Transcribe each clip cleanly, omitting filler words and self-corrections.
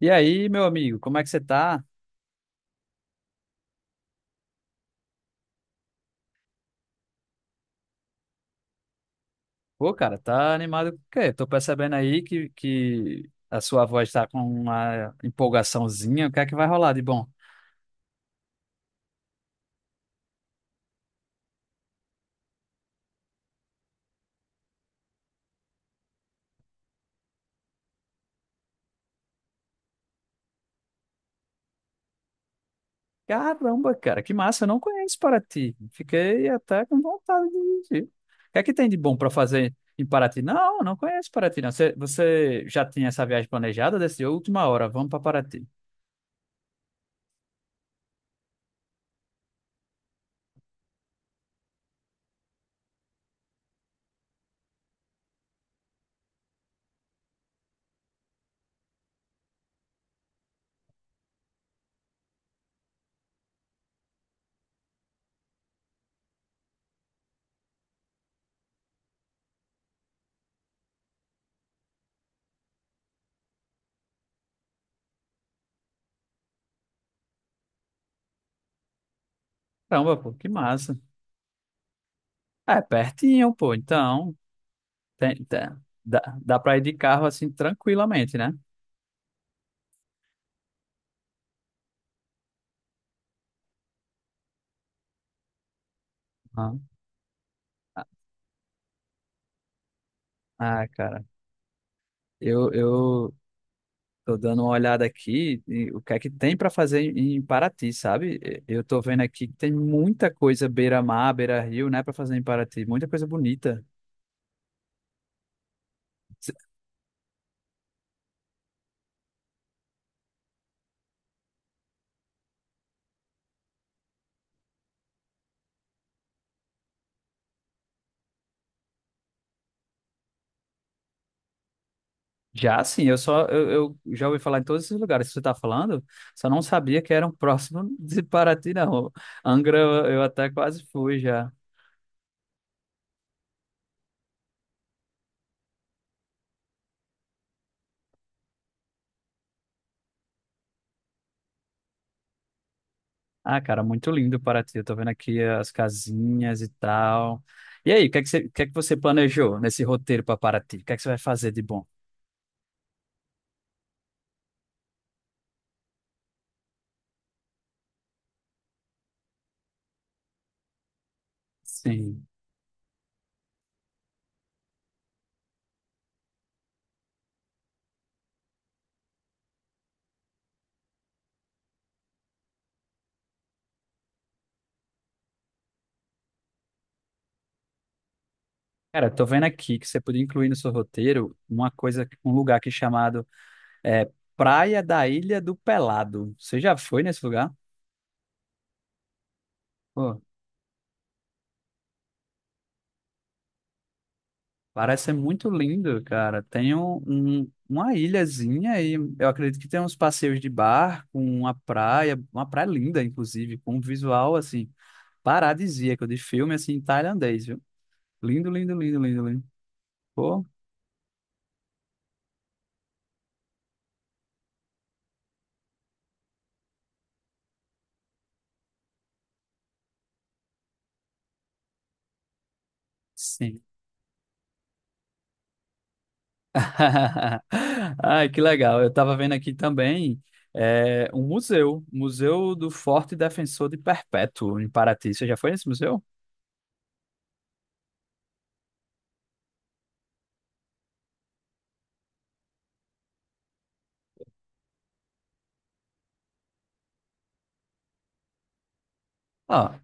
E aí, meu amigo, como é que você tá? Pô, cara, tá animado com o quê? Tô percebendo aí que a sua voz tá com uma empolgaçãozinha. O que é que vai rolar de bom? Caramba, cara, que massa, eu não conheço Paraty. Fiquei até com vontade de ir. O que é que tem de bom pra fazer em Paraty? Não, não conheço Paraty, não. Você já tinha essa viagem planejada? Decidiu, última hora, vamos pra Paraty. Caramba, pô, que massa. É, pertinho, pô, então. Tem, tem- dá pra ir de carro assim tranquilamente, né? Ah. Ah, cara, eu tô dando uma olhada aqui e o que é que tem para fazer em Paraty, sabe? Eu tô vendo aqui que tem muita coisa beira-mar, beira-rio, né, para fazer em Paraty, muita coisa bonita. Se- Já sim, eu já ouvi falar em todos esses lugares que você tá falando, só não sabia que eram próximos de Paraty, não. Angra eu até quase fui já. Ah, cara, muito lindo Paraty. Eu tô vendo aqui as casinhas e tal. E aí, o que é que você, o que é que você planejou nesse roteiro para Paraty? O que é que você vai fazer de bom? Sim. Cara, tô vendo aqui que você podia incluir no seu roteiro uma coisa, um lugar aqui chamado é, Praia da Ilha do Pelado. Você já foi nesse lugar? Pô, parece ser muito lindo, cara. Tem um, uma ilhazinha e eu acredito que tem uns passeios de barco, uma praia linda, inclusive, com um visual, assim, paradisíaco, de filme, assim, tailandês, viu? Lindo, lindo, lindo, lindo, lindo. Pô, sim. Ai, que legal. Eu estava vendo aqui também um museu, Museu do Forte Defensor de Perpétuo, em Paraty. Você já foi nesse museu? Ah,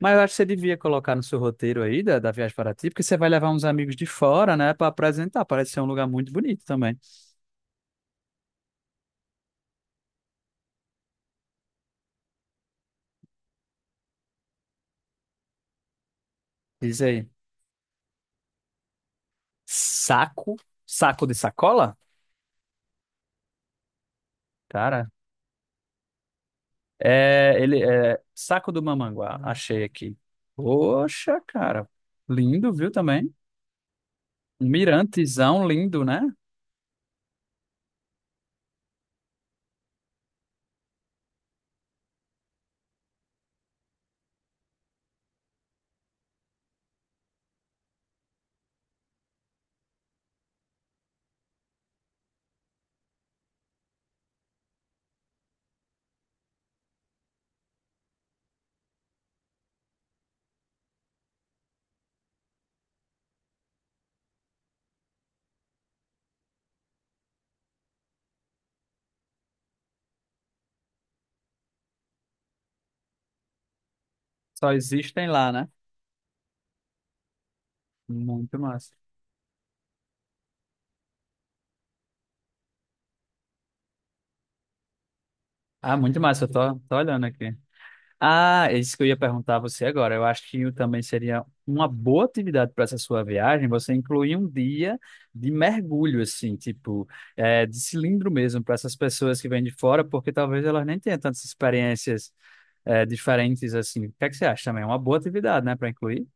mas eu acho que você devia colocar no seu roteiro aí da viagem para Paraty, porque você vai levar uns amigos de fora, né, para apresentar. Parece ser um lugar muito bonito também. Diz aí. Saco, saco de sacola? Cara, é, ele é saco do Mamanguá, achei aqui. Poxa, cara, lindo, viu também? Um mirantezão lindo, né? Só existem lá, né? Muito massa. Ah, muito massa, eu tô olhando aqui. Ah, é isso que eu ia perguntar a você agora. Eu acho que também seria uma boa atividade para essa sua viagem, você incluir um dia de mergulho, assim, tipo, de cilindro mesmo, para essas pessoas que vêm de fora, porque talvez elas nem tenham tantas experiências, diferentes assim. O que é que você acha também? É uma boa atividade, né, para incluir?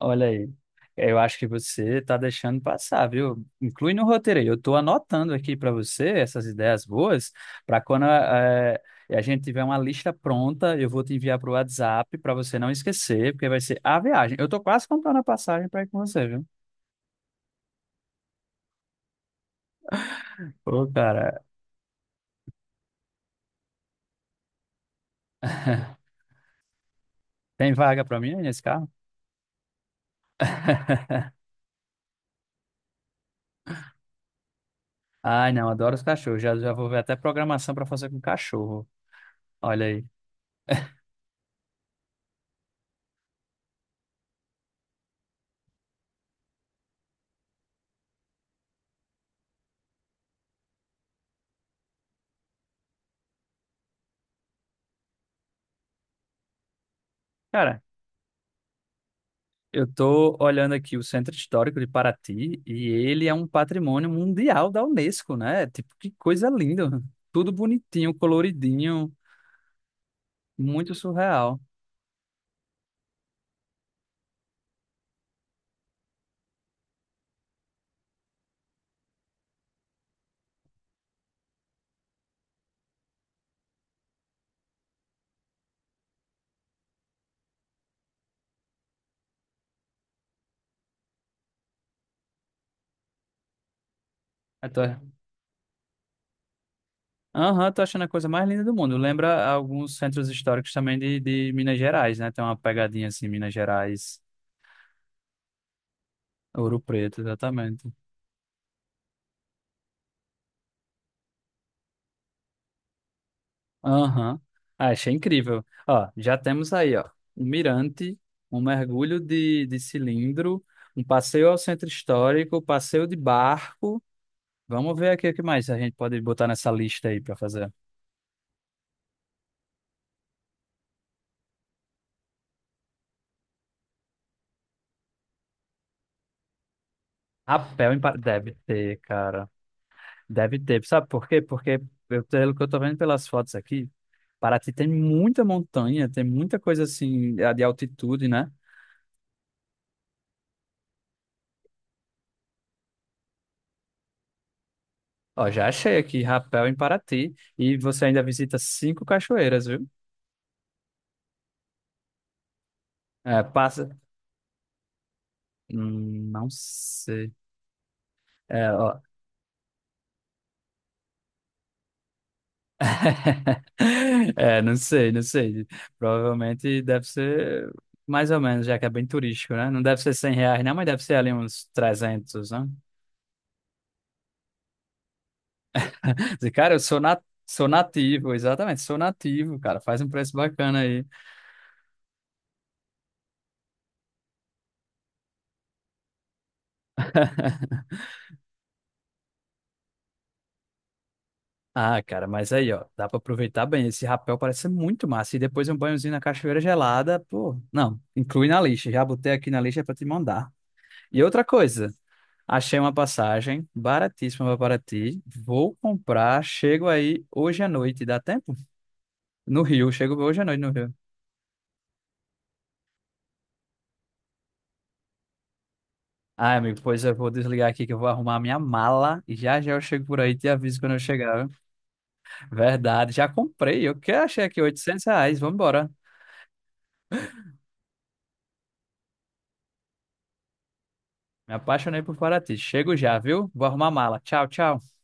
Olha aí. Eu acho que você tá deixando passar, viu? Inclui no roteiro aí. Eu tô anotando aqui para você essas ideias boas, para quando a gente tiver uma lista pronta, eu vou te enviar pro WhatsApp para você não esquecer, porque vai ser a viagem. Eu tô quase comprando a passagem para ir com você, viu? Ô, cara, tem vaga para mim aí nesse carro? Ai, não, adoro os cachorros. Já, já vou ver até programação para fazer com cachorro. Olha aí. Cara, eu tô olhando aqui o Centro Histórico de Paraty e ele é um patrimônio mundial da UNESCO, né? Tipo, que coisa linda. Tudo bonitinho, coloridinho, muito surreal. Eu tô- aham, tô achando a coisa mais linda do mundo. Lembra alguns centros históricos também de Minas Gerais, né? Tem uma pegadinha assim, Minas Gerais, Ouro Preto, exatamente. Aham. Ah, achei incrível. Ó, já temos aí, ó, um mirante, um mergulho de cilindro, um passeio ao centro histórico, passeio de barco. Vamos ver aqui o que mais a gente pode botar nessa lista aí para fazer. Deve ter, cara. Deve ter. Sabe por quê? Porque eu, pelo que eu tô vendo pelas fotos aqui, Paraty tem muita montanha, tem muita coisa assim a de altitude, né? Ó, já achei aqui, rapel em Paraty. E você ainda visita cinco cachoeiras, viu? É. Não sei. É, ó. É, não sei, não sei. Provavelmente deve ser mais ou menos, já que é bem turístico, né? Não deve ser R$ 100, não, mas deve ser ali uns 300, né? Dizer, cara, sou nativo, exatamente, sou nativo, cara. Faz um preço bacana aí. Ah, cara, mas aí, ó, dá pra aproveitar bem. Esse rapel parece ser muito massa. E depois um banhozinho na cachoeira gelada, pô. Não, inclui na lista. Já botei aqui na lista pra te mandar. E outra coisa, achei uma passagem baratíssima para Paraty. Vou comprar, chego aí hoje à noite, dá tempo? No Rio, chego hoje à noite no Rio. Ai, amigo, pois eu vou desligar aqui que eu vou arrumar a minha mala e já já eu chego por aí, te aviso quando eu chegar, viu? Verdade, já comprei, eu que achei aqui R$ 800, vamos embora. Me apaixonei por Paraty. Chego já, viu? Vou arrumar a mala. Tchau, tchau.